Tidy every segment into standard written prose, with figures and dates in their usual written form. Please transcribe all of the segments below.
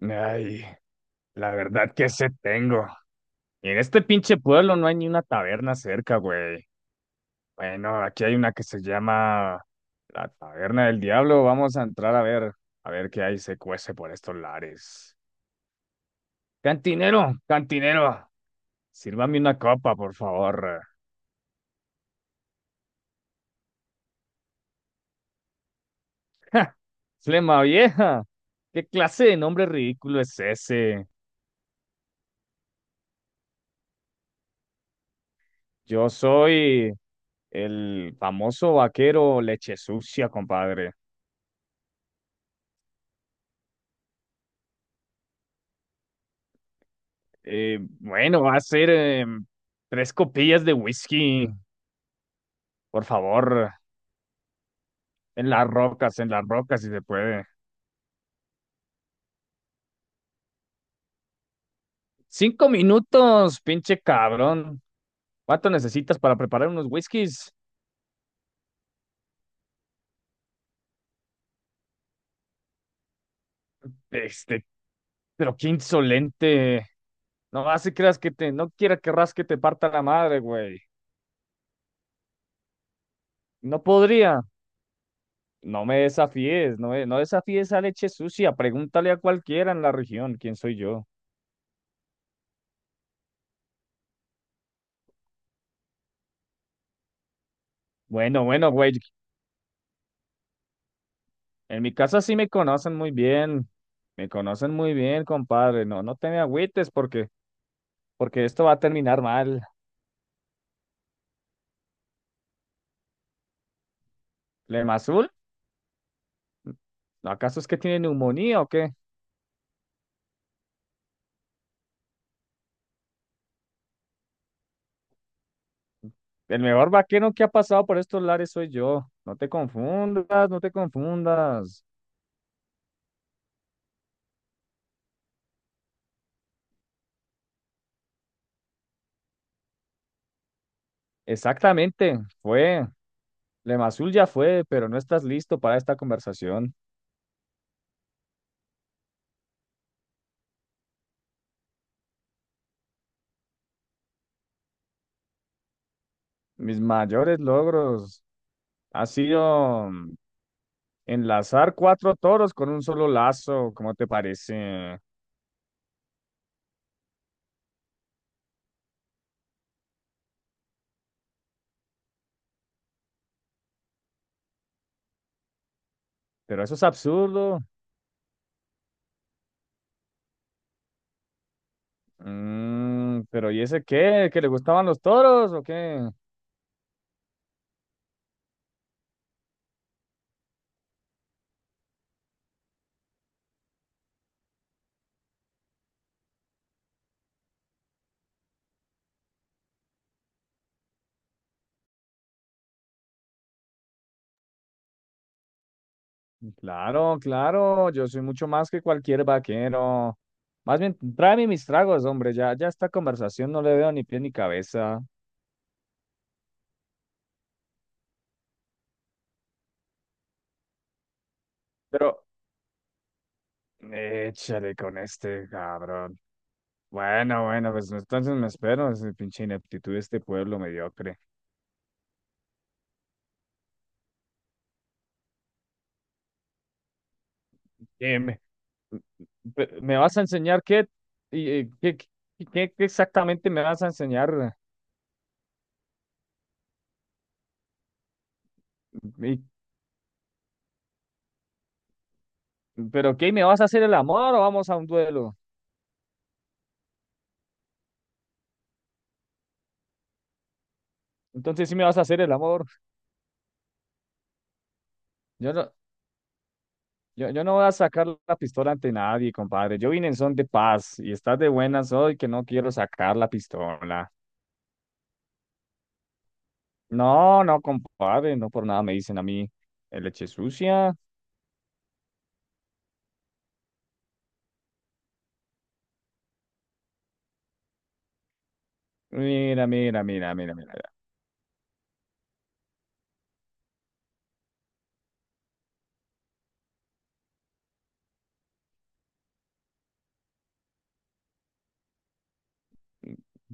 Ay, la verdad que sé tengo. Y en este pinche pueblo no hay ni una taberna cerca, güey. Bueno, aquí hay una que se llama la Taberna del Diablo. Vamos a entrar a ver qué hay se cuece por estos lares. Cantinero, cantinero, sírvame una copa, por favor. ¡Ja! Flema vieja, ¿qué clase de nombre ridículo es ese? Yo soy el famoso vaquero leche sucia, compadre. Bueno, va a ser Tres copillas de whisky, por favor, en las rocas, si se puede. Cinco minutos, pinche cabrón. ¿Cuánto necesitas para preparar unos whiskies? Este, pero qué insolente. No así creas que te, no quiera querrás que te parta la madre, güey. No podría. No me desafíes, no, no desafíes a leche sucia. Pregúntale a cualquiera en la región quién soy yo. Bueno, bueno, güey, en mi casa sí me conocen muy bien, me conocen muy bien, compadre. No te me agüites porque esto va a terminar mal. Lemazul, ¿acaso es que tiene neumonía o qué? El mejor vaquero que ha pasado por estos lares soy yo. No te confundas, no te confundas. Exactamente, fue. Lemazul ya fue, pero no estás listo para esta conversación. Mis mayores logros ha sido enlazar cuatro toros con un solo lazo, ¿cómo te parece? Pero eso es absurdo. Mm, pero ¿y ese qué? ¿Que le gustaban los toros o qué? Claro, claro, yo soy mucho más que cualquier vaquero. Más bien, tráeme mis tragos, hombre, ya, ya esta conversación no le veo ni pie ni cabeza. Pero, échale con este cabrón. Bueno, bueno, pues entonces me espero, es pinche ineptitud de este pueblo mediocre. Eh, me, ¿Me vas a enseñar qué? ¿Y qué exactamente me vas a enseñar? Y pero ¿qué? ¿Me vas a hacer el amor o vamos a un duelo? Entonces sí me vas a hacer el amor. Yo no, yo no voy a sacar la pistola ante nadie, compadre. Yo vine en son de paz y estás de buenas hoy que no quiero sacar la pistola. No, no, compadre, no por nada me dicen a mí leche sucia. Mira, mira, mira, mira, mira.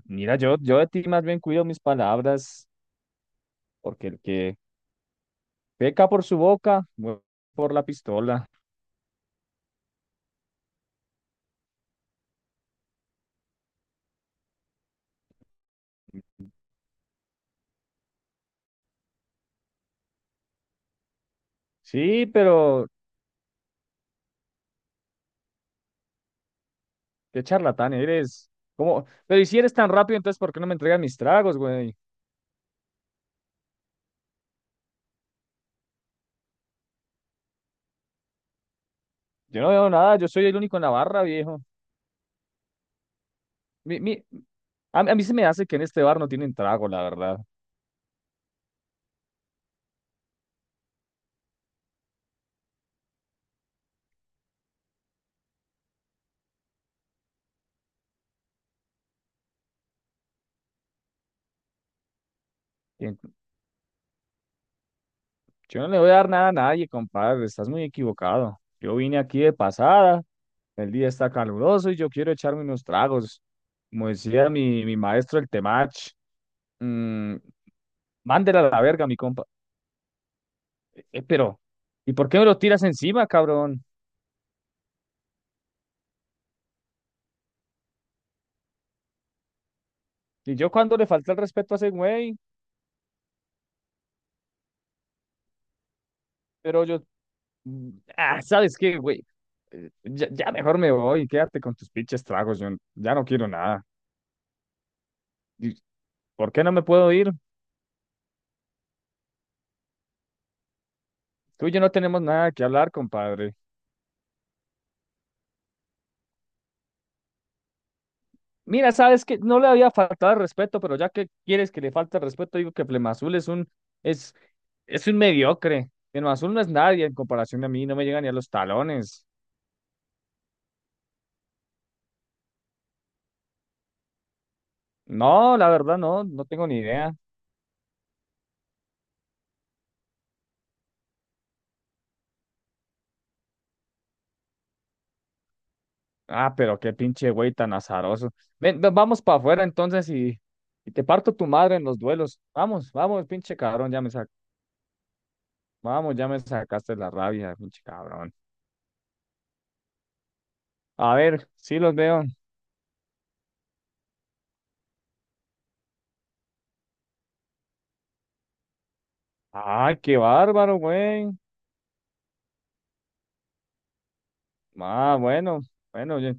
Mira, yo de ti más bien cuido mis palabras, porque el que peca por su boca, muere por la pistola. Sí, pero qué charlatán eres. ¿Cómo? Pero y si eres tan rápido, entonces ¿por qué no me entregas mis tragos, güey? Yo no veo nada, yo soy el único en la barra, viejo. Mi, mi, a mí se me hace que en este bar no tienen trago, la verdad. Bien, yo no le voy a dar nada a nadie, compadre, estás muy equivocado. Yo vine aquí de pasada, el día está caluroso y yo quiero echarme unos tragos. Como decía mi maestro, el Temach, mm, mándela a la verga, mi compa. Eh, pero, ¿Y por qué me lo tiras encima, cabrón? Y yo cuando le falta el respeto a ese güey, pero yo, mm, ah, ¿sabes qué, güey? Ya mejor me voy, quédate con tus pinches tragos, yo n- ya no quiero nada. ¿Y por qué no me puedo ir? Tú y yo no tenemos nada que hablar, compadre. Mira, sabes que no le había faltado el respeto, pero ya que quieres que le falte el respeto, digo que Flemazul es, es un mediocre. Flemazul no es nadie en comparación a mí, no me llega ni a los talones. No, la verdad no, no tengo ni idea. Ah, pero qué pinche güey tan azaroso. Ven, vamos para afuera entonces y te parto tu madre en los duelos. Vamos, vamos, pinche cabrón, vamos, ya me sacaste la rabia, pinche cabrón. A ver, sí los veo. Ay, qué bárbaro, güey. Ah, bueno, bueno, yo,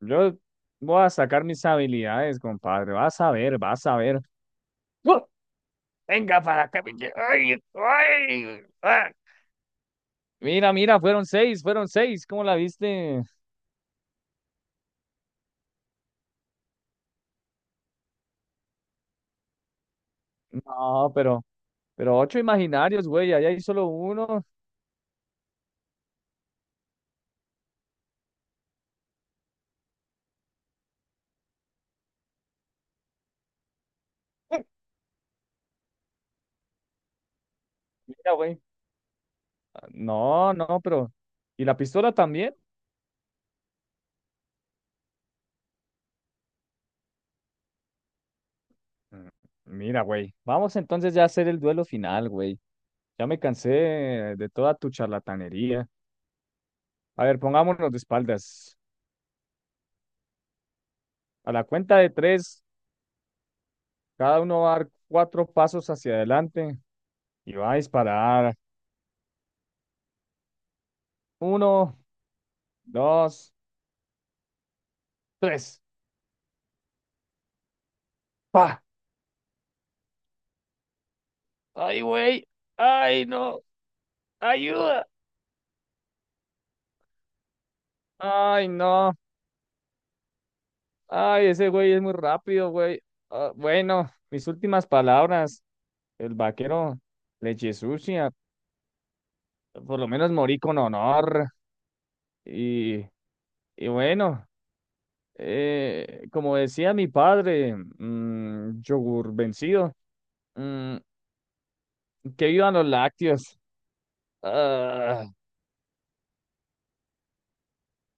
yo voy a sacar mis habilidades, compadre. Vas a ver, vas a ver. ¡Uh! Venga para acá, pinche. Ay, ay, ah. Mira, mira, fueron seis, fueron seis. ¿Cómo la viste? No, pero. Pero ocho imaginarios, güey, allá hay solo uno. Mira, güey. Ah, no, no, pero. ¿Y la pistola también? Mm, mira, güey. Vamos entonces ya a hacer el duelo final, güey. Ya me cansé de toda tu charlatanería. A ver, pongámonos de espaldas. A la cuenta de tres, cada uno va a dar cuatro pasos hacia adelante y va a disparar. Uno, dos, tres. ¡Pa! ¡Ay, güey! ¡Ay, no! ¡Ayuda! ¡Ay, no! Ay, ese güey es muy rápido, güey. Ah, bueno, mis últimas palabras. El vaquero leche sucia. Por lo menos morí con honor. Y, y bueno, como decía mi padre, mm, yogur vencido, mm, que vivan los lácteos. Ah,